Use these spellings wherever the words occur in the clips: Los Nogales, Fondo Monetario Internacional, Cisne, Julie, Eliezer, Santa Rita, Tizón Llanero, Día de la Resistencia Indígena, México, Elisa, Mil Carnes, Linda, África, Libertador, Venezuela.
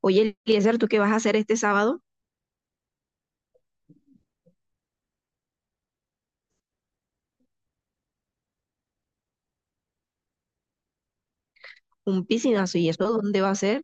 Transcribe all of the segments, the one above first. Oye, Eliezer, ¿tú qué vas a hacer este sábado? Un piscinazo, ¿y eso dónde va a ser?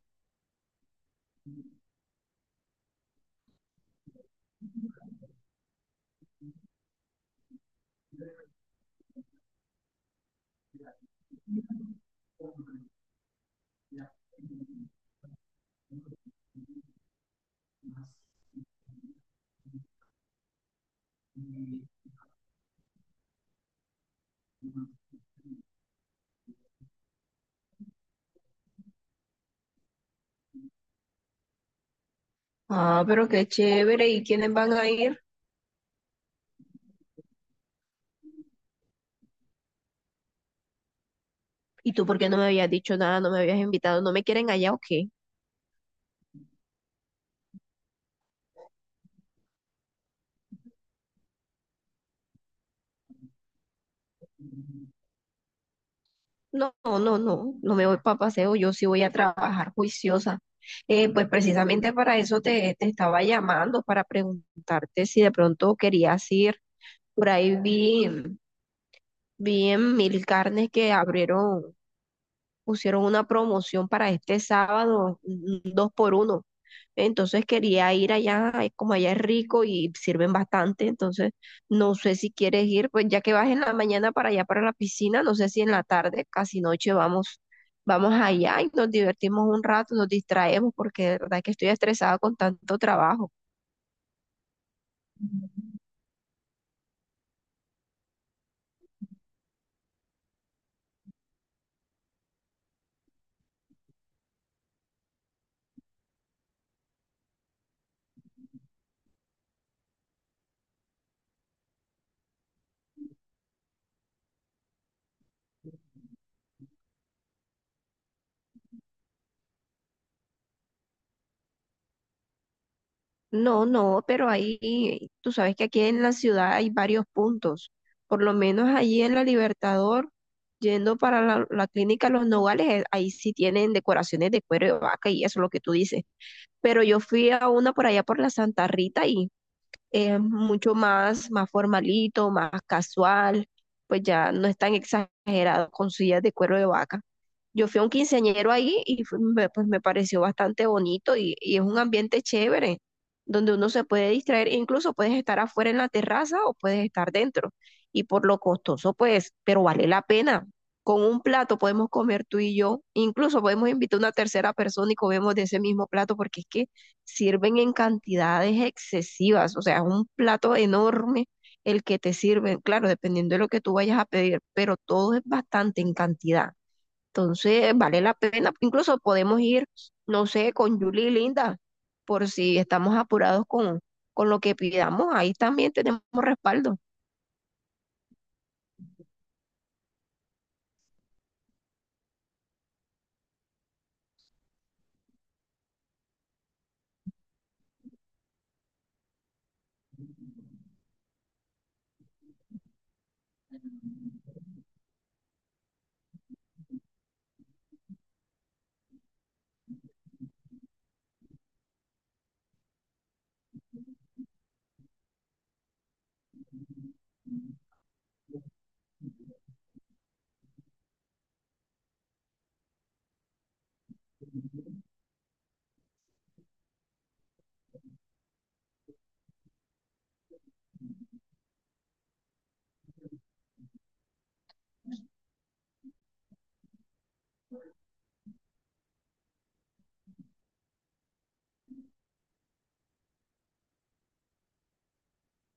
Ah, pero qué chévere. ¿Y quiénes van a ir? ¿Y tú por qué no me habías dicho nada, no me habías invitado? ¿No me quieren allá o qué? No, no, no, no me voy para paseo, yo sí voy a trabajar juiciosa. Pues precisamente para eso te estaba llamando, para preguntarte si de pronto querías ir. Por ahí vi, vi en Mil Carnes que abrieron, pusieron una promoción para este sábado, un dos por uno. Entonces quería ir allá, como allá es rico y sirven bastante, entonces no sé si quieres ir, pues ya que vas en la mañana para allá para la piscina, no sé si en la tarde, casi noche vamos allá y nos divertimos un rato, nos distraemos porque de verdad que estoy estresada con tanto trabajo. No, no, pero ahí tú sabes que aquí en la ciudad hay varios puntos, por lo menos allí en la Libertador. Yendo para la clínica Los Nogales, ahí sí tienen decoraciones de cuero de vaca y eso es lo que tú dices. Pero yo fui a una por allá por la Santa Rita y es mucho más, más formalito, más casual, pues ya no es tan exagerado con sillas de cuero de vaca. Yo fui a un quinceañero ahí y pues me pareció bastante bonito y es un ambiente chévere, donde uno se puede distraer, e incluso puedes estar afuera en la terraza o puedes estar dentro. Y por lo costoso, pues, pero vale la pena. Con un plato podemos comer tú y yo, incluso podemos invitar a una tercera persona y comemos de ese mismo plato porque es que sirven en cantidades excesivas, o sea, es un plato enorme el que te sirven, claro, dependiendo de lo que tú vayas a pedir, pero todo es bastante en cantidad. Entonces, vale la pena, incluso podemos ir, no sé, con Julie y Linda, por si estamos apurados con lo que pidamos, ahí también tenemos respaldo.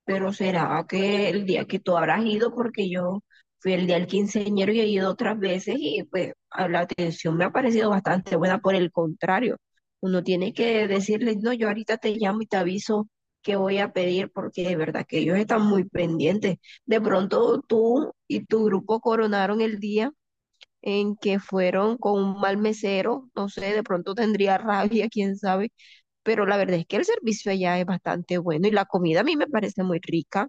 Pero será que el día que tú habrás ido, porque yo fui el día del quinceañero y he ido otras veces y pues a la atención me ha parecido bastante buena. Por el contrario, uno tiene que decirles, no, yo ahorita te llamo y te aviso que voy a pedir porque de verdad que ellos están muy pendientes. De pronto tú y tu grupo coronaron el día en que fueron con un mal mesero, no sé, de pronto tendría rabia, quién sabe, pero la verdad es que el servicio allá es bastante bueno y la comida a mí me parece muy rica.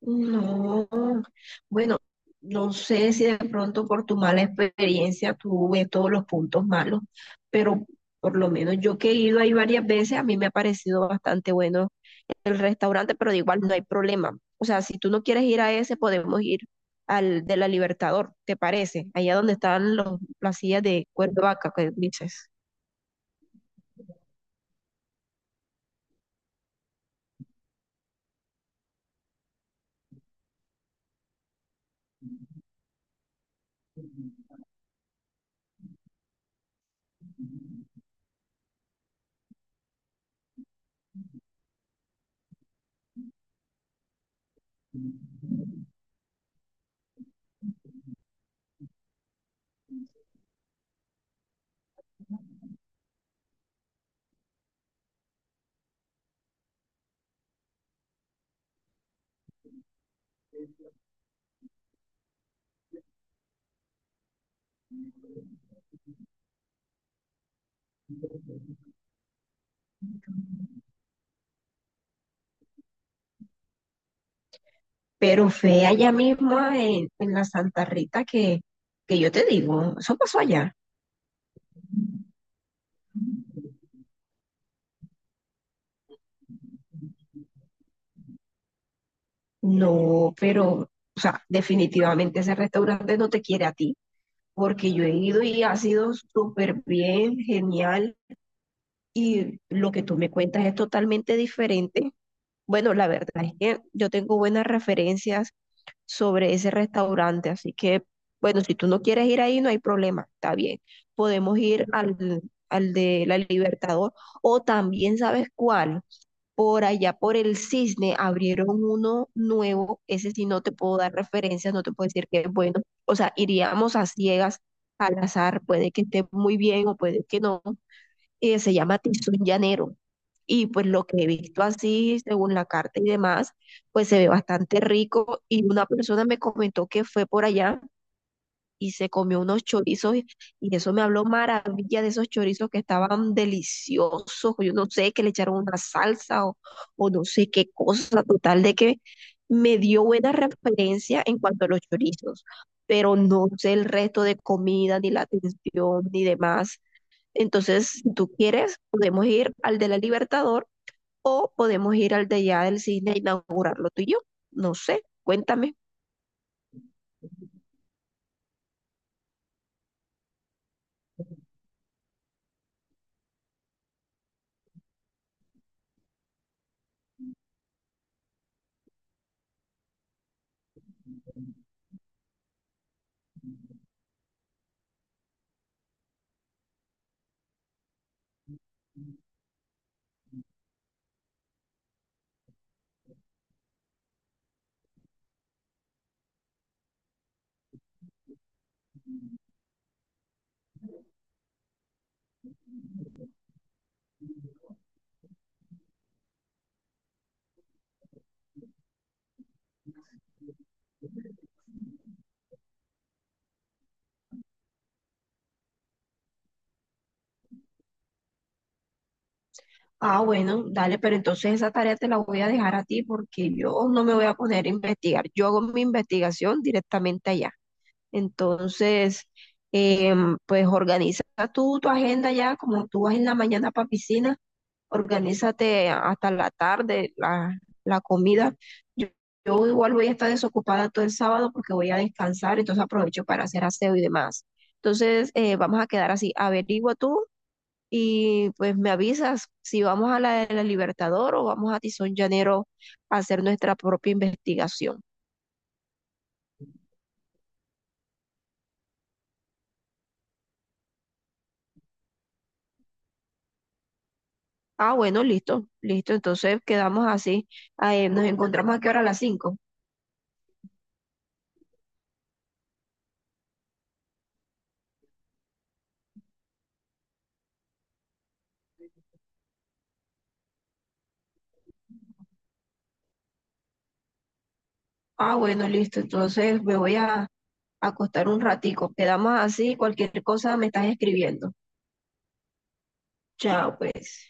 No, bueno, no sé si de pronto por tu mala experiencia tú ves todos los puntos malos, pero por lo menos yo que he ido ahí varias veces, a mí me ha parecido bastante bueno el restaurante, pero de igual no hay problema. O sea, si tú no quieres ir a ese, podemos ir al de la Libertador, ¿te parece? Allá donde están las sillas de cuero de vaca, que dices. Pero fue allá mismo en la Santa Rita que yo te digo, eso pasó allá. No, pero, o sea, definitivamente ese restaurante no te quiere a ti, porque yo he ido y ha sido súper bien, genial, y lo que tú me cuentas es totalmente diferente. Bueno, la verdad es que yo tengo buenas referencias sobre ese restaurante, así que, bueno, si tú no quieres ir ahí, no hay problema, está bien. Podemos ir al de la Libertador, o también, ¿sabes cuál? Por allá, por el Cisne, abrieron uno nuevo. Ese sí no te puedo dar referencias, no te puedo decir que es bueno. O sea, iríamos a ciegas, al azar. Puede que esté muy bien o puede que no. Se llama Tizón Llanero. Y pues lo que he visto así, según la carta y demás, pues se ve bastante rico. Y una persona me comentó que fue por allá y se comió unos chorizos y eso me habló maravilla de esos chorizos que estaban deliciosos, yo no sé, que le echaron una salsa o no sé qué cosa, total de que me dio buena referencia en cuanto a los chorizos, pero no sé el resto de comida, ni la atención, ni demás. Entonces, si tú quieres, podemos ir al de la Libertador o podemos ir al de allá del cine a inaugurarlo tú y yo. No sé, cuéntame. Ah, bueno, dale, pero entonces esa tarea te la voy a dejar a ti porque yo no me voy a poner a investigar. Yo hago mi investigación directamente allá. Entonces, pues organiza tú tu agenda ya, como tú vas en la mañana para piscina, organízate hasta la tarde la comida. Yo, yo igual voy a estar desocupada todo el sábado porque voy a descansar, entonces aprovecho para hacer aseo y demás. Entonces, vamos a quedar así. Averigua tú y pues me avisas si vamos a la de la Libertador o vamos a Tizón Llanero a hacer nuestra propia investigación. Ah, bueno, listo, listo. Entonces quedamos así. Ah, nos encontramos aquí ahora a las 5. Ah, bueno, listo. Entonces me voy a acostar un ratico. Quedamos así. Cualquier cosa me estás escribiendo. Chao, pues.